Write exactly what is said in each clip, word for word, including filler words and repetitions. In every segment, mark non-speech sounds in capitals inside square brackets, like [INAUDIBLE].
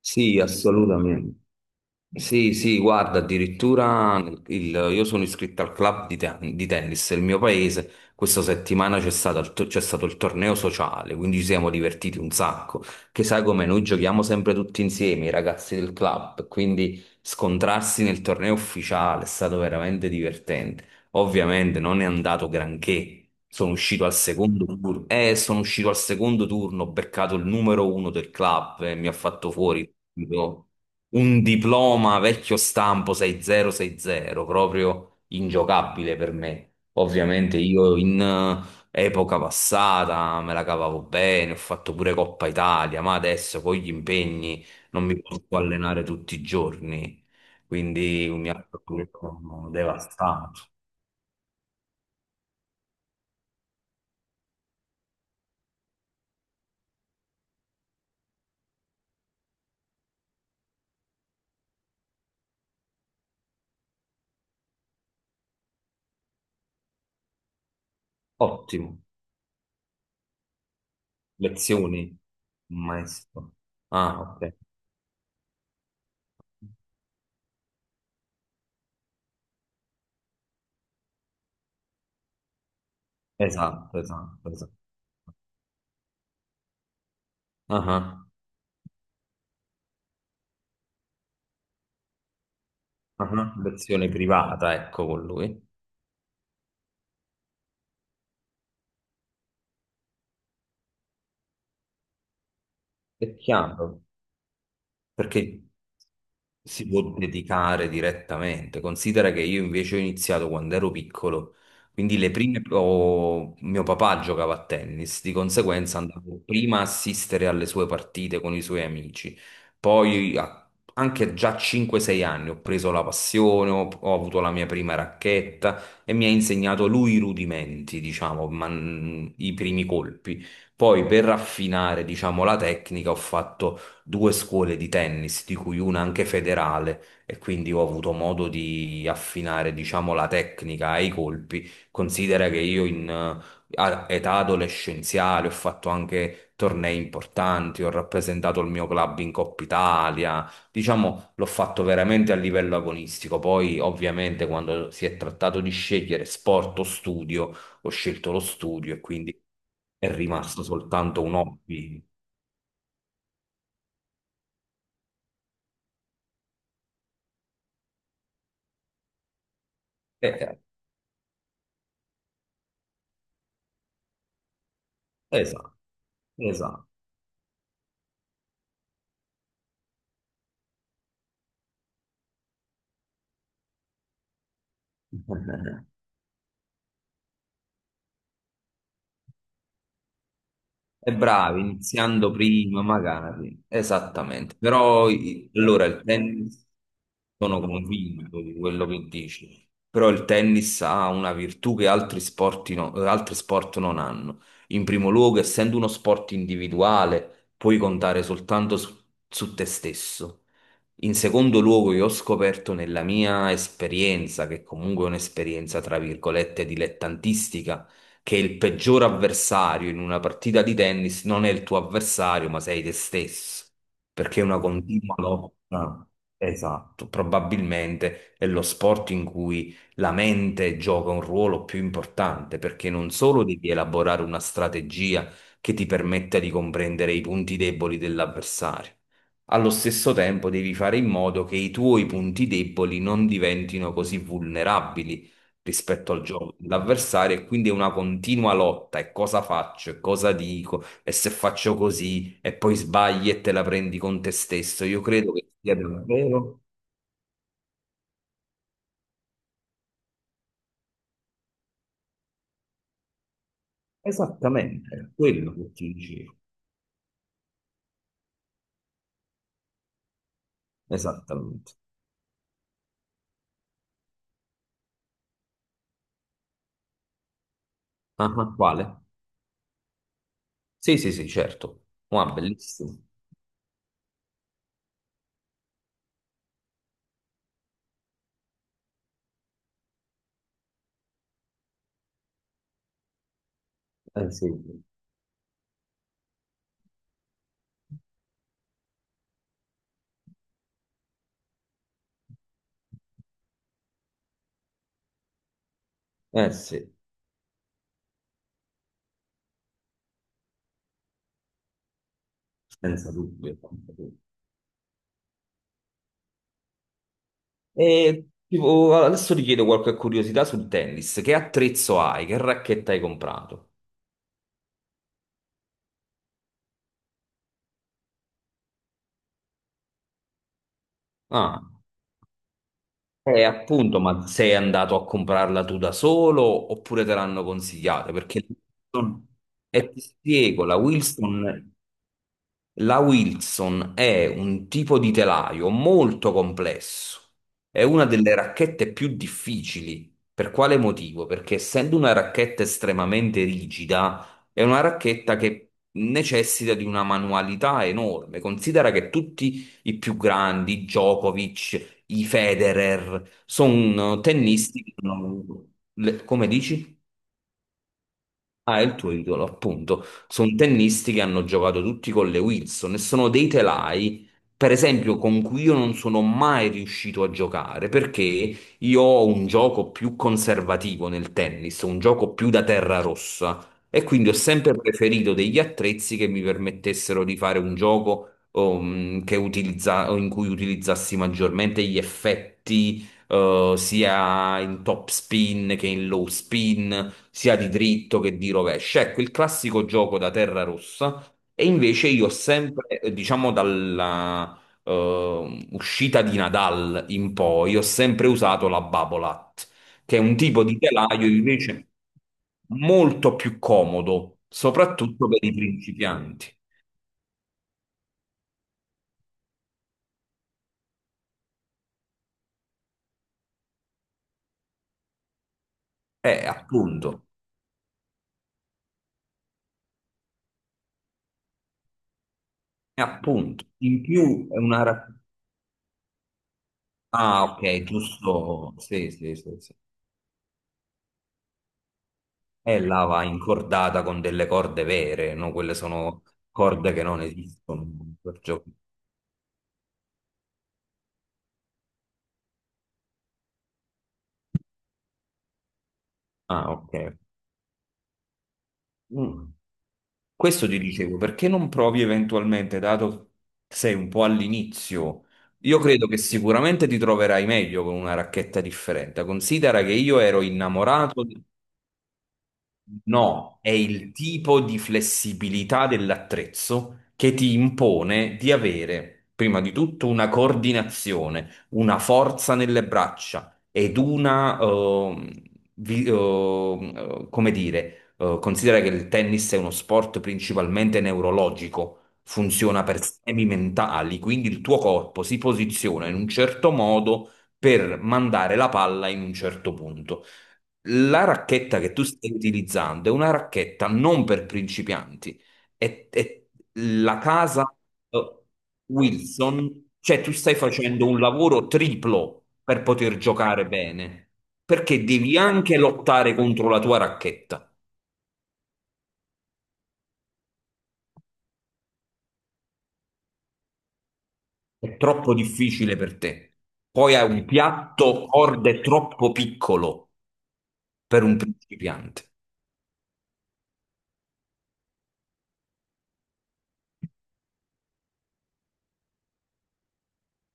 Sì, assolutamente. Sì, sì, guarda, addirittura il- io sono iscritto al club di, te- di tennis del mio paese. Questa settimana c'è stato, il to- c'è stato il torneo sociale, quindi ci siamo divertiti un sacco. Che sai come noi giochiamo sempre tutti insieme, i ragazzi del club, quindi scontrarsi nel torneo ufficiale è stato veramente divertente. Ovviamente non è andato granché. Sono uscito al secondo turno, eh, sono uscito al secondo turno, ho beccato il numero uno del club e mi ha fatto fuori un diploma vecchio stampo sei a zero sei a zero, proprio ingiocabile per me. Ovviamente io in eh, epoca passata me la cavavo bene, ho fatto pure Coppa Italia, ma adesso con gli impegni non mi posso allenare tutti i giorni, quindi mi ha proprio devastato. Ottimo, lezioni, un maestro. Ah, ok. Esatto, esatto, esatto. Ah, ah, ah, ah, lezione privata, ecco, con lui. È chiaro, perché si può dedicare direttamente. Considera che io invece ho iniziato quando ero piccolo, quindi le prime, oh, mio papà giocava a tennis, di conseguenza andavo prima a assistere alle sue partite con i suoi amici, poi a- anche già a cinque sei anni ho preso la passione, ho, ho avuto la mia prima racchetta e mi ha insegnato lui i rudimenti, diciamo, ma, mm, i primi colpi. Poi per raffinare, diciamo, la tecnica ho fatto due scuole di tennis, di cui una anche federale, e quindi ho avuto modo di affinare, diciamo, la tecnica e i colpi. Considera che io in eh, a- età adolescenziale ho fatto anche tornei importanti, ho rappresentato il mio club in Coppa Italia, diciamo, l'ho fatto veramente a livello agonistico. Poi, ovviamente, quando si è trattato di scegliere sport o studio, ho scelto lo studio e quindi è rimasto soltanto un hobby. Eh, Esatto, esatto. [LAUGHS] E bravi, iniziando prima magari, esattamente. Però i- allora il tennis, sono convinto di quello che dici, però il tennis ha una virtù che altri sport, no- eh, altri sport non hanno. In primo luogo, essendo uno sport individuale, puoi contare soltanto su, su te stesso. In secondo luogo, io ho scoperto nella mia esperienza, che comunque è un'esperienza tra virgolette dilettantistica, che il peggior avversario in una partita di tennis non è il tuo avversario, ma sei te stesso, perché è una continua lotta. Esatto, probabilmente è lo sport in cui la mente gioca un ruolo più importante, perché non solo devi elaborare una strategia che ti permetta di comprendere i punti deboli dell'avversario, allo stesso tempo devi fare in modo che i tuoi punti deboli non diventino così vulnerabili rispetto al gioco dell'avversario e quindi è una continua lotta e cosa faccio e cosa dico e se faccio così e poi sbagli e te la prendi con te stesso. Io credo che sia davvero esattamente quello che ti dicevo. Esattamente. Ah, ah, quale? Sì, sì, sì, certo. Wow, bellissimo. Eh sì, eh sì, senza dubbio. Senza dubbio. E tipo, adesso ti chiedo qualche curiosità sul tennis. Che attrezzo hai? Che racchetta hai comprato? Ah. Eh, appunto, ma sei andato a comprarla tu da solo oppure te l'hanno consigliata? Perché la Wilson- e ti spiego, la Wilson la Wilson è un tipo di telaio molto complesso. È una delle racchette più difficili. Per quale motivo? Perché essendo una racchetta estremamente rigida, è una racchetta che necessita di una manualità enorme. Considera che tutti i più grandi, Djokovic, i Federer, sono tennisti che hanno- le- come dici? Ah, è il tuo idolo, appunto. Sono tennisti che hanno giocato tutti con le Wilson e sono dei telai, per esempio, con cui io non sono mai riuscito a giocare perché io ho un gioco più conservativo nel tennis, un gioco più da terra rossa e quindi ho sempre preferito degli attrezzi che mi permettessero di fare un gioco um, che utilizza- in cui utilizzassi maggiormente gli effetti, eh, sia in top spin che in low spin sia di dritto che di rovescio. Ecco, il classico gioco da terra rossa. E invece io ho sempre, eh, diciamo, dalla eh, uscita di Nadal in poi, ho sempre usato la Babolat, che è un tipo di telaio invece molto più comodo, soprattutto per i principianti. Eh, appunto, eh, appunto. In più è una... ra- Ah, ok, giusto. Sì, sì, sì, sì. È là va incordata con delle corde vere, no? Quelle sono corde che non esistono. perciò- Ah, ok. Mm. Questo ti dicevo, perché non provi eventualmente, dato che sei un po' all'inizio? Io credo che sicuramente ti troverai meglio con una racchetta differente. Considera che io ero innamorato. No, è il tipo di flessibilità dell'attrezzo che ti impone di avere, prima di tutto, una coordinazione, una forza nelle braccia ed una, ehm, vi- ehm, eh, come dire, eh, considera che il tennis è uno sport principalmente neurologico, funziona per schemi mentali, quindi il tuo corpo si posiziona in un certo modo per mandare la palla in un certo punto. La racchetta che tu stai utilizzando è una racchetta non per principianti, è, è la casa eh, Wilson, cioè tu stai facendo un lavoro triplo per poter giocare bene, perché devi anche lottare contro la tua racchetta, è troppo difficile per te. Poi hai un piatto corde troppo piccolo per un principiante.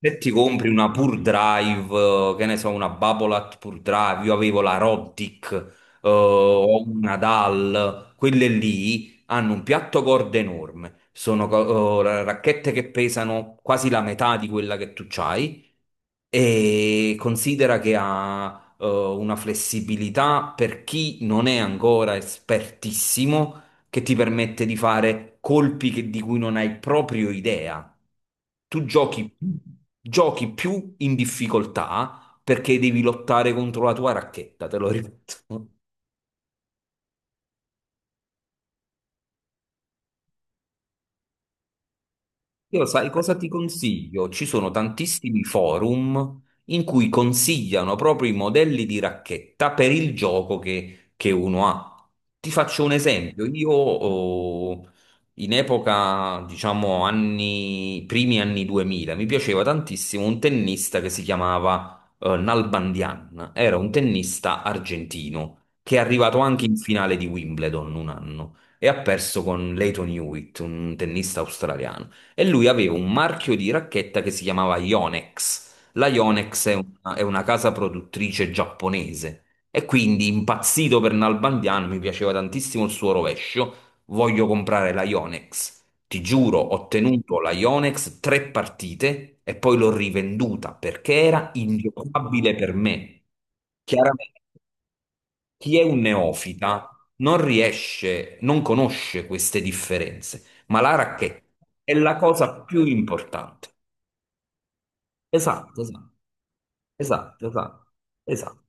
Se ti compri una Pure Drive, eh, che ne so, una Babolat Pure Drive, io avevo la Roddick, eh, o una D A L, quelle lì hanno un piatto corda enorme, sono co- eh, ra- racchette che pesano quasi la metà di quella che tu c'hai e considera che ha eh, una flessibilità per chi non è ancora espertissimo che ti permette di fare colpi che- di cui non hai proprio idea. Tu giochi, giochi più in difficoltà perché devi lottare contro la tua racchetta, te lo [LAUGHS] ripeto. Io sai cosa ti consiglio? Ci sono tantissimi forum in cui consigliano proprio i modelli di racchetta per il gioco che, che uno ha. Ti faccio un esempio. Io oh, in epoca, diciamo, anni, primi anni duemila, mi piaceva tantissimo un tennista che si chiamava eh, Nalbandian. Era un tennista argentino che è arrivato anche in finale di Wimbledon un anno e ha perso con Leighton Hewitt, un tennista australiano e lui aveva un marchio di racchetta che si chiamava Yonex. La Yonex è una, è una casa produttrice giapponese e quindi impazzito per Nalbandiano, mi piaceva tantissimo il suo rovescio, voglio comprare la Yonex. Ti giuro, ho tenuto la Yonex tre partite e poi l'ho rivenduta perché era ingiocabile per me. Chiaramente chi è un neofita non riesce, non conosce queste differenze, ma la racchetta è la cosa più importante. Esatto, esatto, esatto, esatto, esatto,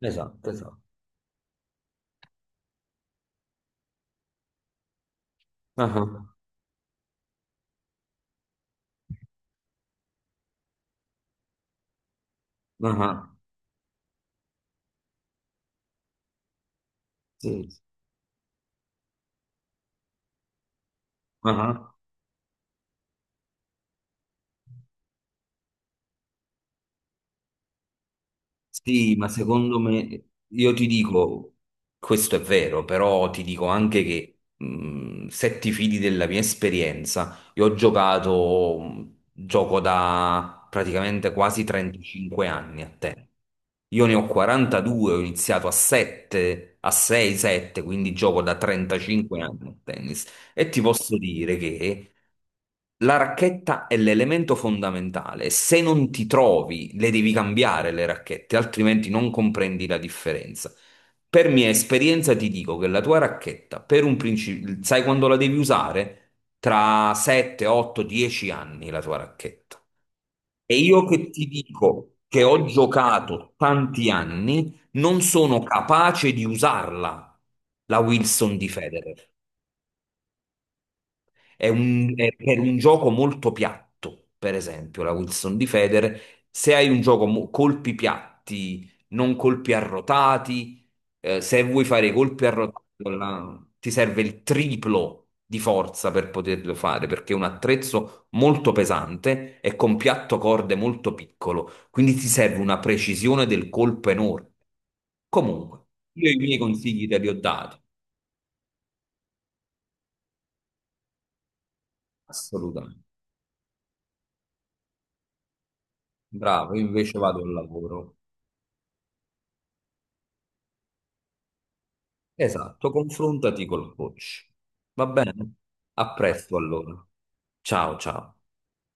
esatto, esatto. Ah, ah, sì, sì. Ah, sì, ma secondo me, io ti dico, questo è vero, però ti dico anche che mh, se ti fidi della mia esperienza, io ho giocato, mh, gioco da praticamente quasi trentacinque anni a te. Io ne ho quarantadue, ho iniziato a sette, a sei, sette, quindi gioco da trentacinque anni a tennis e ti posso dire che la racchetta è l'elemento fondamentale. Se non ti trovi, le devi cambiare le racchette, altrimenti non comprendi la differenza. Per mia esperienza ti dico che la tua racchetta, per un principio, sai quando la devi usare? Tra sette, otto, dieci anni la tua racchetta. E io che ti dico che ho giocato tanti ananni, non sono capace di usarla, la Wilson di Federer. È un, è per un gioco molto piatto, per esempio, la Wilson di Federer. Se hai un gioco mo- colpi piatti, non colpi arrotati, eh, se vuoi fare i colpi arrotati, con la- ti serve il triplo di forza per poterlo fare, perché è un attrezzo molto pesante e con piatto corde molto piccolo, quindi ti serve una precisione del colpo enorme. Comunque, io i miei consigli te li ho dati, assolutamente. Bravo, io invece vado al lavoro. Esatto, confrontati col coach. Va bene? A presto allora. Ciao ciao.